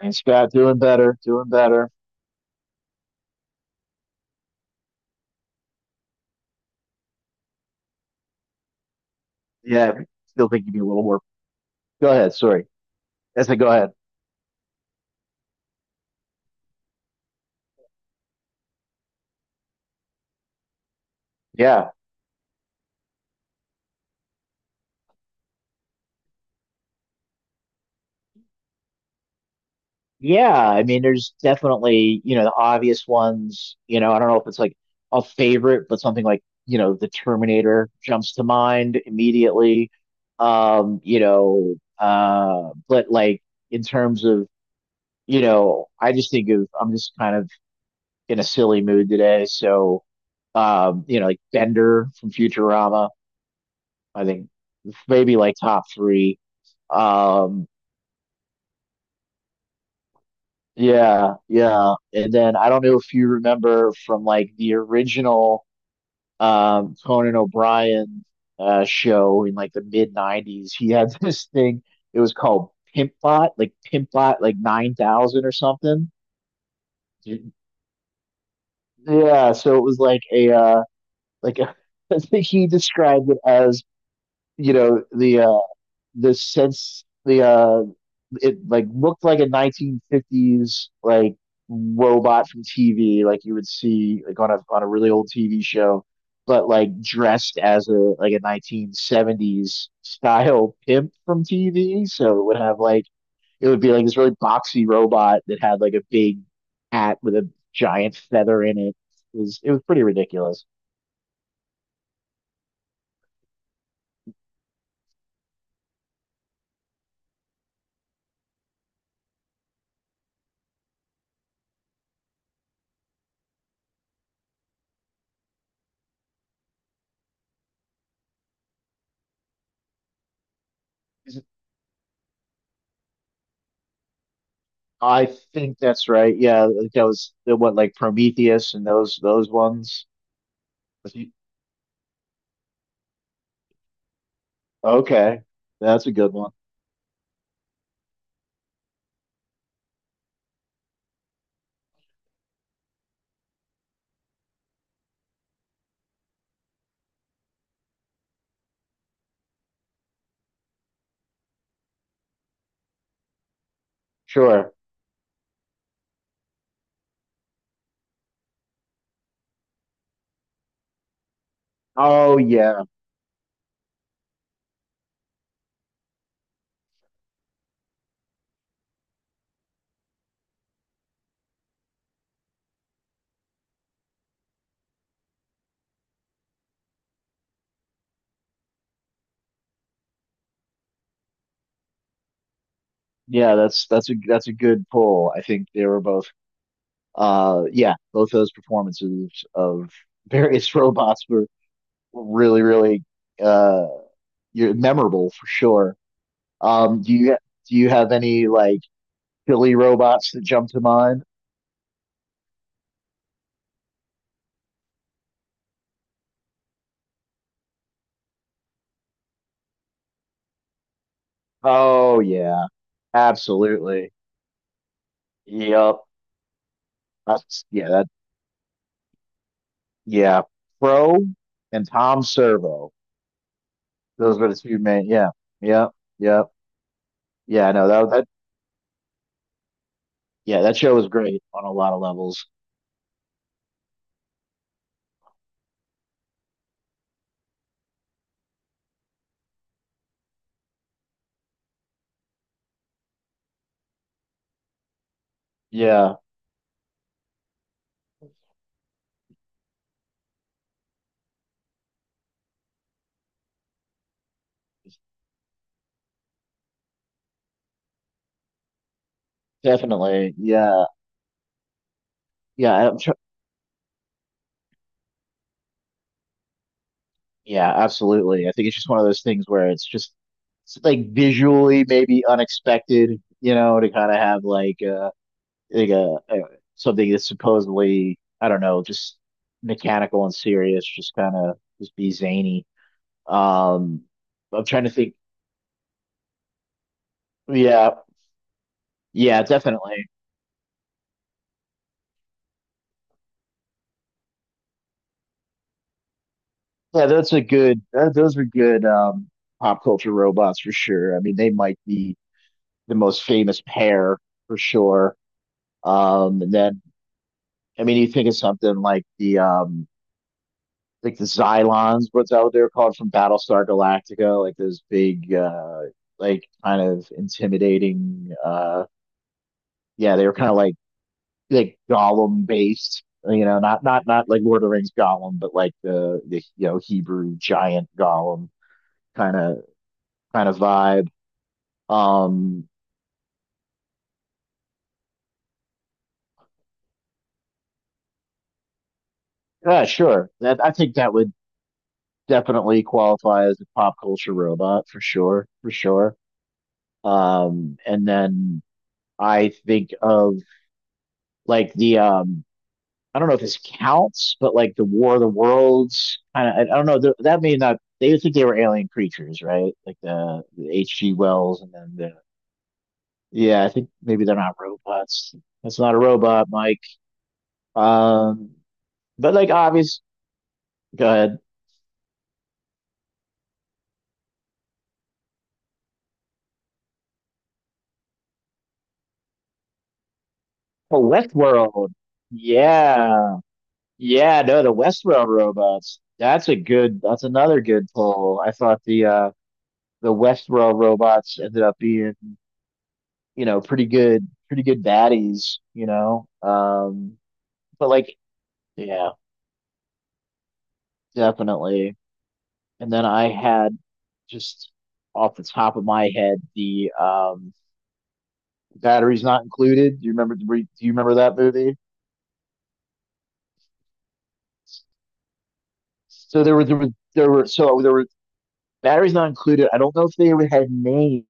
Thanks, Scott. Doing better. Doing better. Yeah, still think you'd a little more. Go ahead. Sorry. That's it. Go ahead. Yeah. Yeah, I mean, there's definitely, the obvious ones, I don't know if it's like a favorite, but something like, the Terminator jumps to mind immediately. But like in terms of, I just think of, I'm just kind of in a silly mood today. So, like Bender from Futurama, I think maybe like top three. Um, yeah, yeah. And then I don't know if you remember from like the original Conan O'Brien show in like the mid 90s, he had this thing. It was called Pimpbot like 9,000 or something. Yeah, so it was like a, I think he described it as, you know, the uh the sense the it like looked like a 1950s like robot from TV, like you would see like on a really old TV show, but like dressed as a like a 1970s style pimp from TV. So it would be like this really boxy robot that had like a big hat with a giant feather in it. It was pretty ridiculous. I think that's right. Yeah, what like Prometheus and those ones. Okay. That's a good one. Sure. Oh yeah. Yeah, that's a good pull. I think they were both yeah, both those performances of various robots were really, really uh you're memorable for sure. Um do you do you have any like silly robots that jump to mind? Oh yeah. Absolutely. Yep. That's yeah, that yeah. Pro and Tom Servo. Those were the two main. Yeah, yeah, yeah, yeah. No, that yeah, that show was great on a lot of levels. Yeah, definitely. Yeah, yeah. I'm sure, yeah, absolutely. I think it's just one of those things where it's like visually maybe unexpected, you know, to kind of have like a something that's supposedly I don't know, just mechanical and serious, just kind of just be zany. Um, I'm trying to think. Yeah, yeah, definitely. Yeah, that's a good, that, those are good pop culture robots for sure. I mean, they might be the most famous pair for sure. And then, I mean, you think of something like the Xylons, what's that what they're called from Battlestar Galactica, like those big, like kind of intimidating, yeah, they were kind of like Gollum based, you know, not like Lord of the Rings Gollum, but like the, you know, Hebrew giant Gollum kind of, kind of vibe. Um, yeah, sure. That I think that would definitely qualify as a pop culture robot for sure, for sure. And then I think of like the I don't know if this counts, but like the War of the Worlds kind of. I don't know. That may not. They would think they were alien creatures, right? Like the H.G. Wells, and then the yeah. I think maybe they're not robots. That's not a robot, Mike. Um, but like obvious. Go ahead. Oh, Westworld. Yeah. Yeah, no, the Westworld robots. That's another good pull. I thought the Westworld robots ended up being, pretty good baddies. But like yeah, definitely. And then I had just off the top of my head the batteries not included. Do you remember that movie? So there were Barry's not included. I don't know if they had names,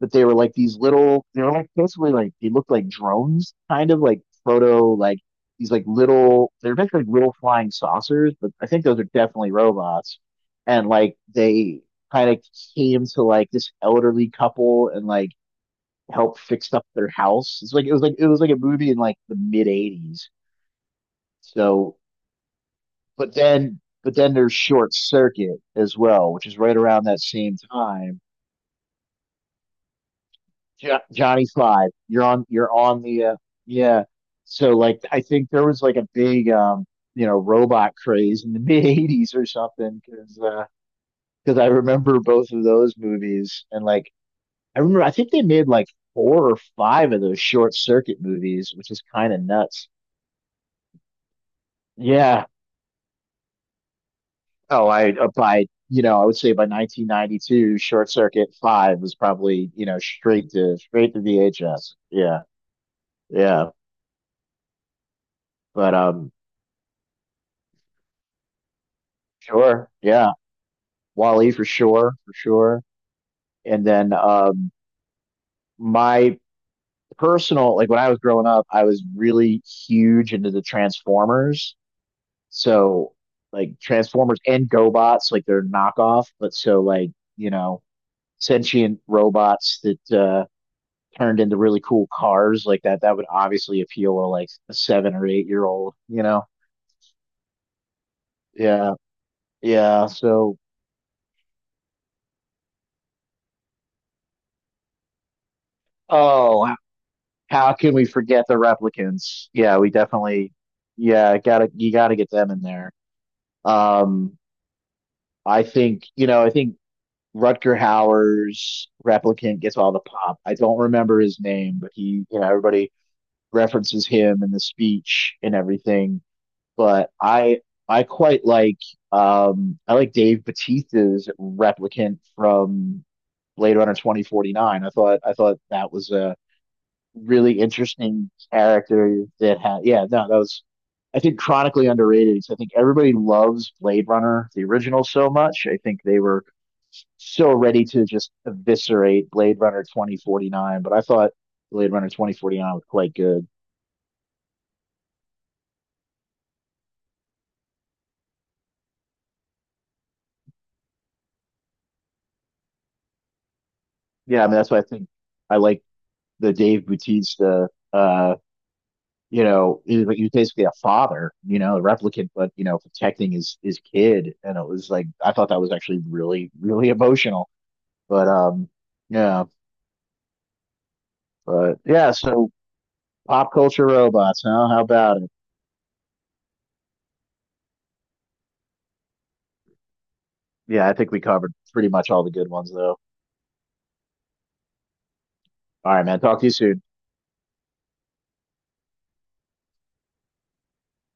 but they were like these little. They were like basically like they looked like drones, kind of like proto like these like little. They're basically like little flying saucers, but I think those are definitely robots. And like they kind of came to like this elderly couple and like helped fix up their house. It was like a movie in like the mid '80s. So, but then there's Short Circuit as well, which is right around that same time Johnny Five. You're on. You're on the. Yeah. So like, I think there was like a big, robot craze in the mid '80s or something, because I remember both of those movies, and like, I remember I think they made like four or five of those short circuit movies, which is kind of nuts. Yeah. Oh, I by I would say by 1992, Short Circuit Five was probably straight to VHS. Yeah, yeah. But sure, yeah. Wally for sure, for sure. And then my personal like when I was growing up, I was really huge into the Transformers. So like Transformers and GoBots, like they're knockoff, but so like, you know, sentient robots that turned into really cool cars like that, that would obviously appeal to like a 7 or 8 year old, you know? Yeah. Yeah. So, oh, how can we forget the replicants? Yeah, we definitely, yeah, gotta you gotta get them in there. Um, I think I think Rutger Hauer's replicant gets all the pop. I don't remember his name, but he, everybody references him in the speech and everything. But I quite like, I like Dave Bautista's replicant from Blade Runner 2049. I thought that was a really interesting character that had. Yeah, no, that was. I think chronically underrated because I think everybody loves Blade Runner, the original, so much. I think they were so ready to just eviscerate Blade Runner 2049, but I thought Blade Runner 2049 was quite good. Yeah, I mean that's why I think I like the Dave Bautista. He was basically a father, a replicant, but protecting his kid, and it was like I thought that was actually really really emotional. But yeah, but yeah. So pop culture robots, huh? How about it? Yeah, I think we covered pretty much all the good ones, though. All right, man. Talk to you soon.